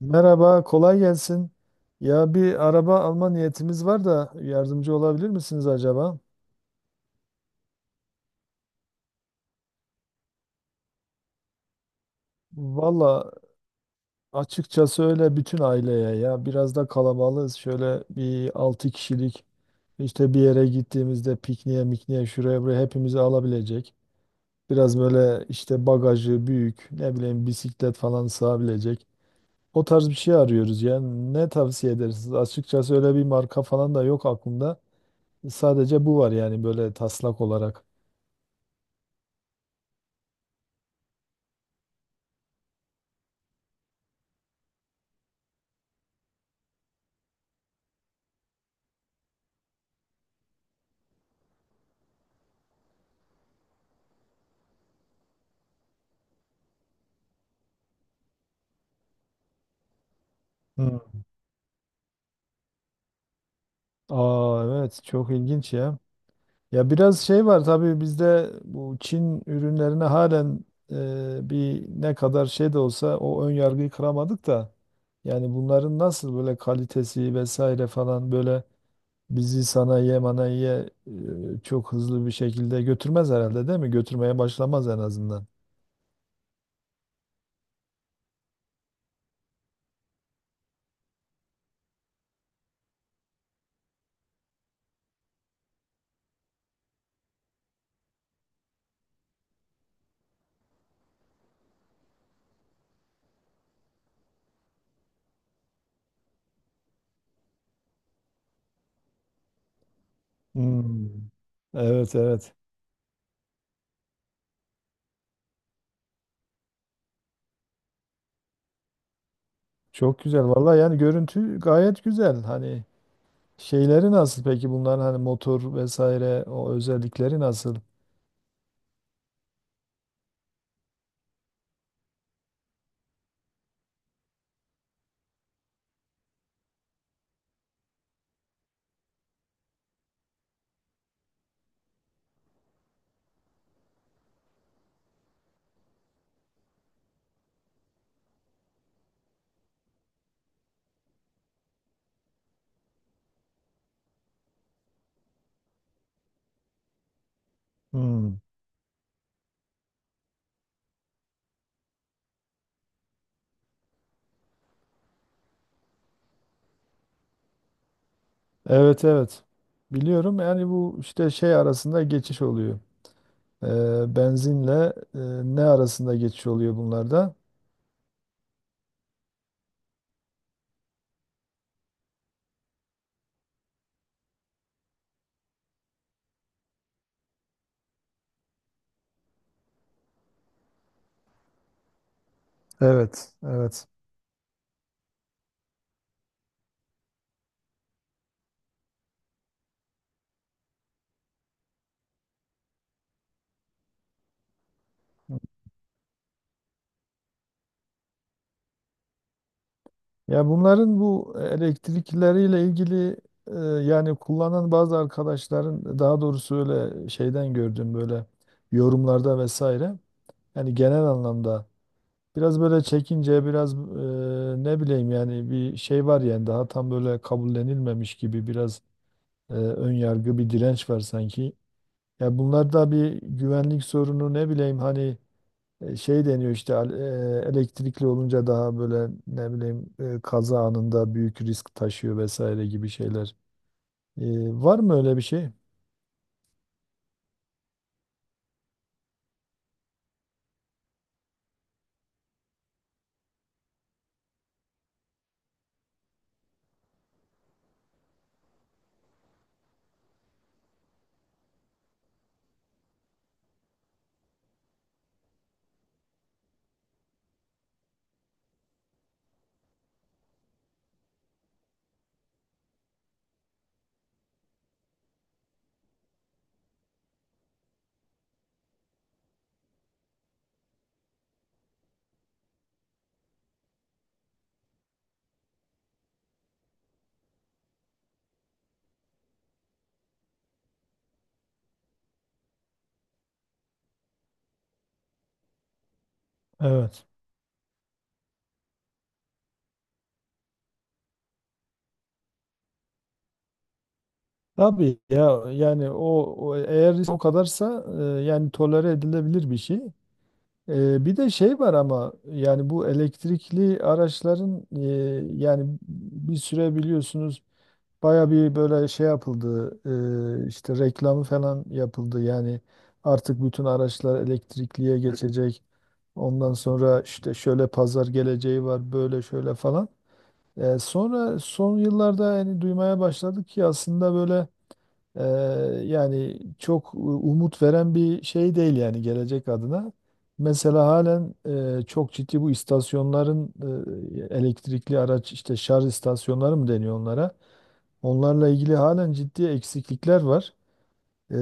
Merhaba, kolay gelsin. Ya bir araba alma niyetimiz var da yardımcı olabilir misiniz acaba? Valla açıkçası öyle bütün aileye ya biraz da kalabalığız. Şöyle bir 6 kişilik işte bir yere gittiğimizde pikniğe mikniğe şuraya buraya hepimizi alabilecek. Biraz böyle işte bagajı büyük ne bileyim bisiklet falan sığabilecek. O tarz bir şey arıyoruz yani ne tavsiye edersiniz? Açıkçası öyle bir marka falan da yok aklımda. Sadece bu var yani böyle taslak olarak. Hı. Aa, evet, çok ilginç ya. Ya biraz şey var tabii bizde, bu Çin ürünlerine halen bir ne kadar şey de olsa o ön yargıyı kıramadık da. Yani bunların nasıl böyle kalitesi vesaire falan, böyle bizi sanayiye manayiye çok hızlı bir şekilde götürmez herhalde, değil mi? Götürmeye başlamaz en azından. Hmm. Evet, evet. Çok güzel. Vallahi yani görüntü gayet güzel. Hani şeyleri nasıl peki bunların, hani motor vesaire o özellikleri nasıl? Hmm. Evet, evet. Biliyorum yani, bu işte şey arasında geçiş oluyor. Benzinle e, ne arasında geçiş oluyor bunlarda? Evet, evet. Ya bunların bu elektrikleriyle ilgili e, yani kullanan bazı arkadaşların, daha doğrusu öyle şeyden gördüm, böyle yorumlarda vesaire. Yani genel anlamda biraz böyle çekince, biraz ne bileyim yani, bir şey var yani, daha tam böyle kabullenilmemiş gibi biraz ön yargı, bir direnç var sanki. Ya bunlar da bir güvenlik sorunu, ne bileyim hani şey deniyor işte, elektrikli olunca daha böyle ne bileyim kaza anında büyük risk taşıyor vesaire gibi şeyler. E, Var mı öyle bir şey? Evet. Tabii ya, yani o, o eğer o kadarsa yani tolere edilebilir bir şey. Bir de şey var ama yani, bu elektrikli araçların yani bir süre biliyorsunuz baya bir böyle şey yapıldı, işte reklamı falan yapıldı yani, artık bütün araçlar elektrikliye geçecek, ondan sonra işte şöyle pazar geleceği var böyle şöyle falan. Sonra son yıllarda yani duymaya başladık ki aslında böyle ee, yani çok umut veren bir şey değil yani gelecek adına. Mesela halen çok ciddi bu istasyonların, elektrikli araç işte şarj istasyonları mı deniyor onlara? Onlarla ilgili halen ciddi eksiklikler var. Ee,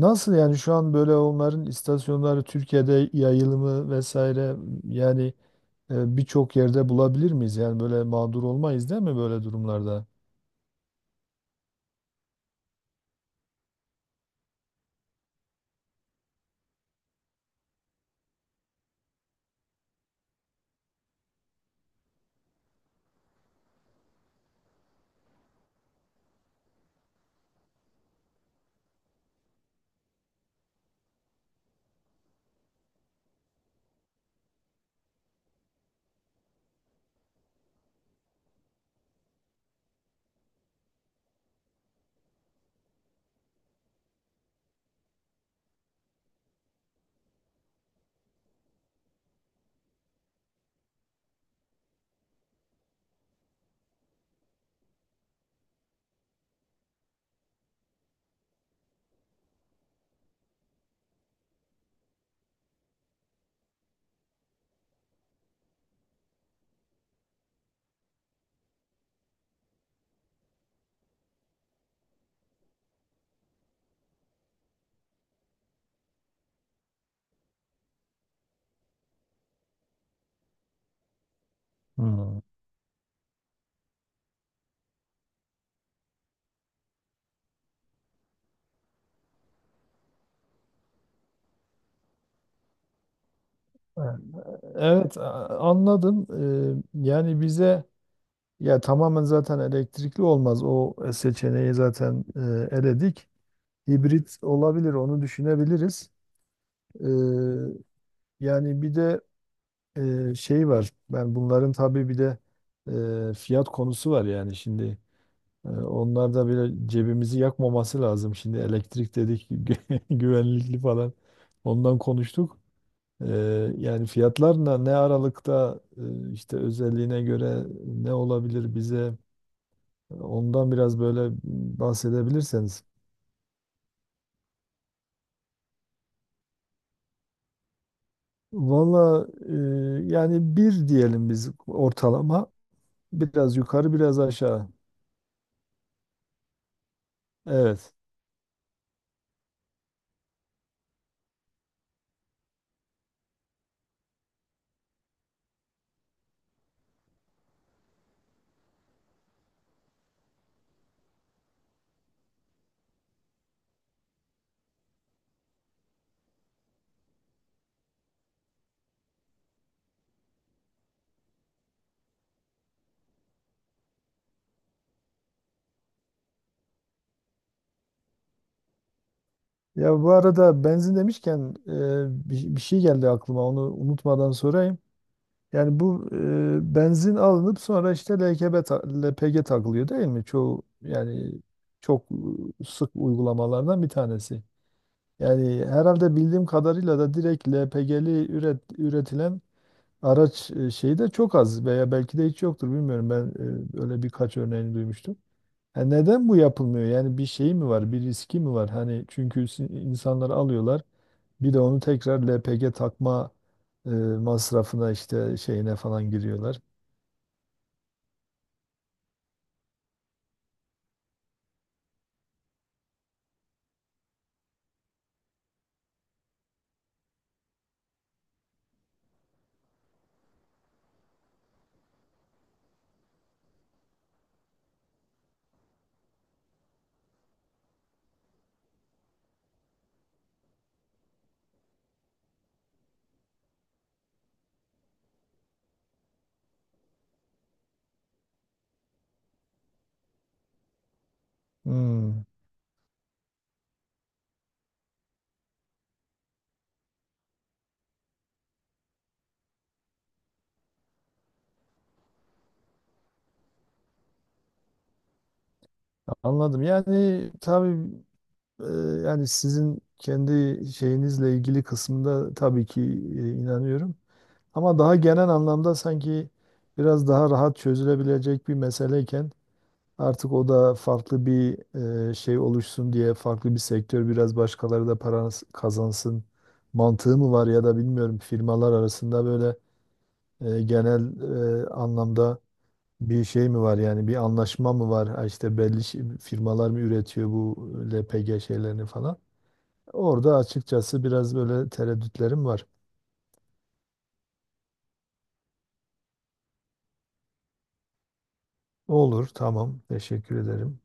Nasıl yani şu an böyle onların istasyonları Türkiye'de yayılımı vesaire, yani birçok yerde bulabilir miyiz? Yani böyle mağdur olmayız değil mi böyle durumlarda? Hmm. Ha, evet, anladım. Yani bize ya tamamen zaten elektrikli olmaz. O seçeneği zaten eledik. Hibrit olabilir, onu düşünebiliriz. Ee, Yani bir de şey var. Ben bunların tabii bir de fiyat konusu var yani şimdi. E, onlar da bile cebimizi yakmaması lazım. Şimdi elektrik dedik güvenlikli falan. Ondan konuştuk. Yani fiyatlarla ne aralıkta, işte özelliğine göre ne olabilir, bize ondan biraz böyle bahsedebilirseniz. Valla yani bir diyelim biz ortalama, biraz yukarı biraz aşağı. Evet. Ya bu arada benzin demişken bir şey geldi aklıma, onu unutmadan sorayım. Yani bu benzin alınıp sonra işte LPG takılıyor değil mi? Çoğu yani çok sık uygulamalardan bir tanesi. Yani herhalde bildiğim kadarıyla da direkt LPG'li üretilen araç şeyi de çok az veya belki de hiç yoktur, bilmiyorum. Ben öyle birkaç örneğini duymuştum. E neden bu yapılmıyor? Yani bir şey mi var, bir riski mi var? Hani çünkü insanları alıyorlar, bir de onu tekrar LPG takma masrafına işte şeyine falan giriyorlar. Hmm, Anladım. Yani tabii e, yani sizin kendi şeyinizle ilgili kısmında tabii ki inanıyorum. Ama daha genel anlamda sanki biraz daha rahat çözülebilecek bir meseleyken, artık o da farklı bir şey oluşsun diye, farklı bir sektör biraz başkaları da para kazansın mantığı mı var, ya da bilmiyorum firmalar arasında böyle genel anlamda bir şey mi var, yani bir anlaşma mı var? Ha, işte belli firmalar mı üretiyor bu LPG şeylerini falan? Orada açıkçası biraz böyle tereddütlerim var. Olur, tamam, teşekkür ederim.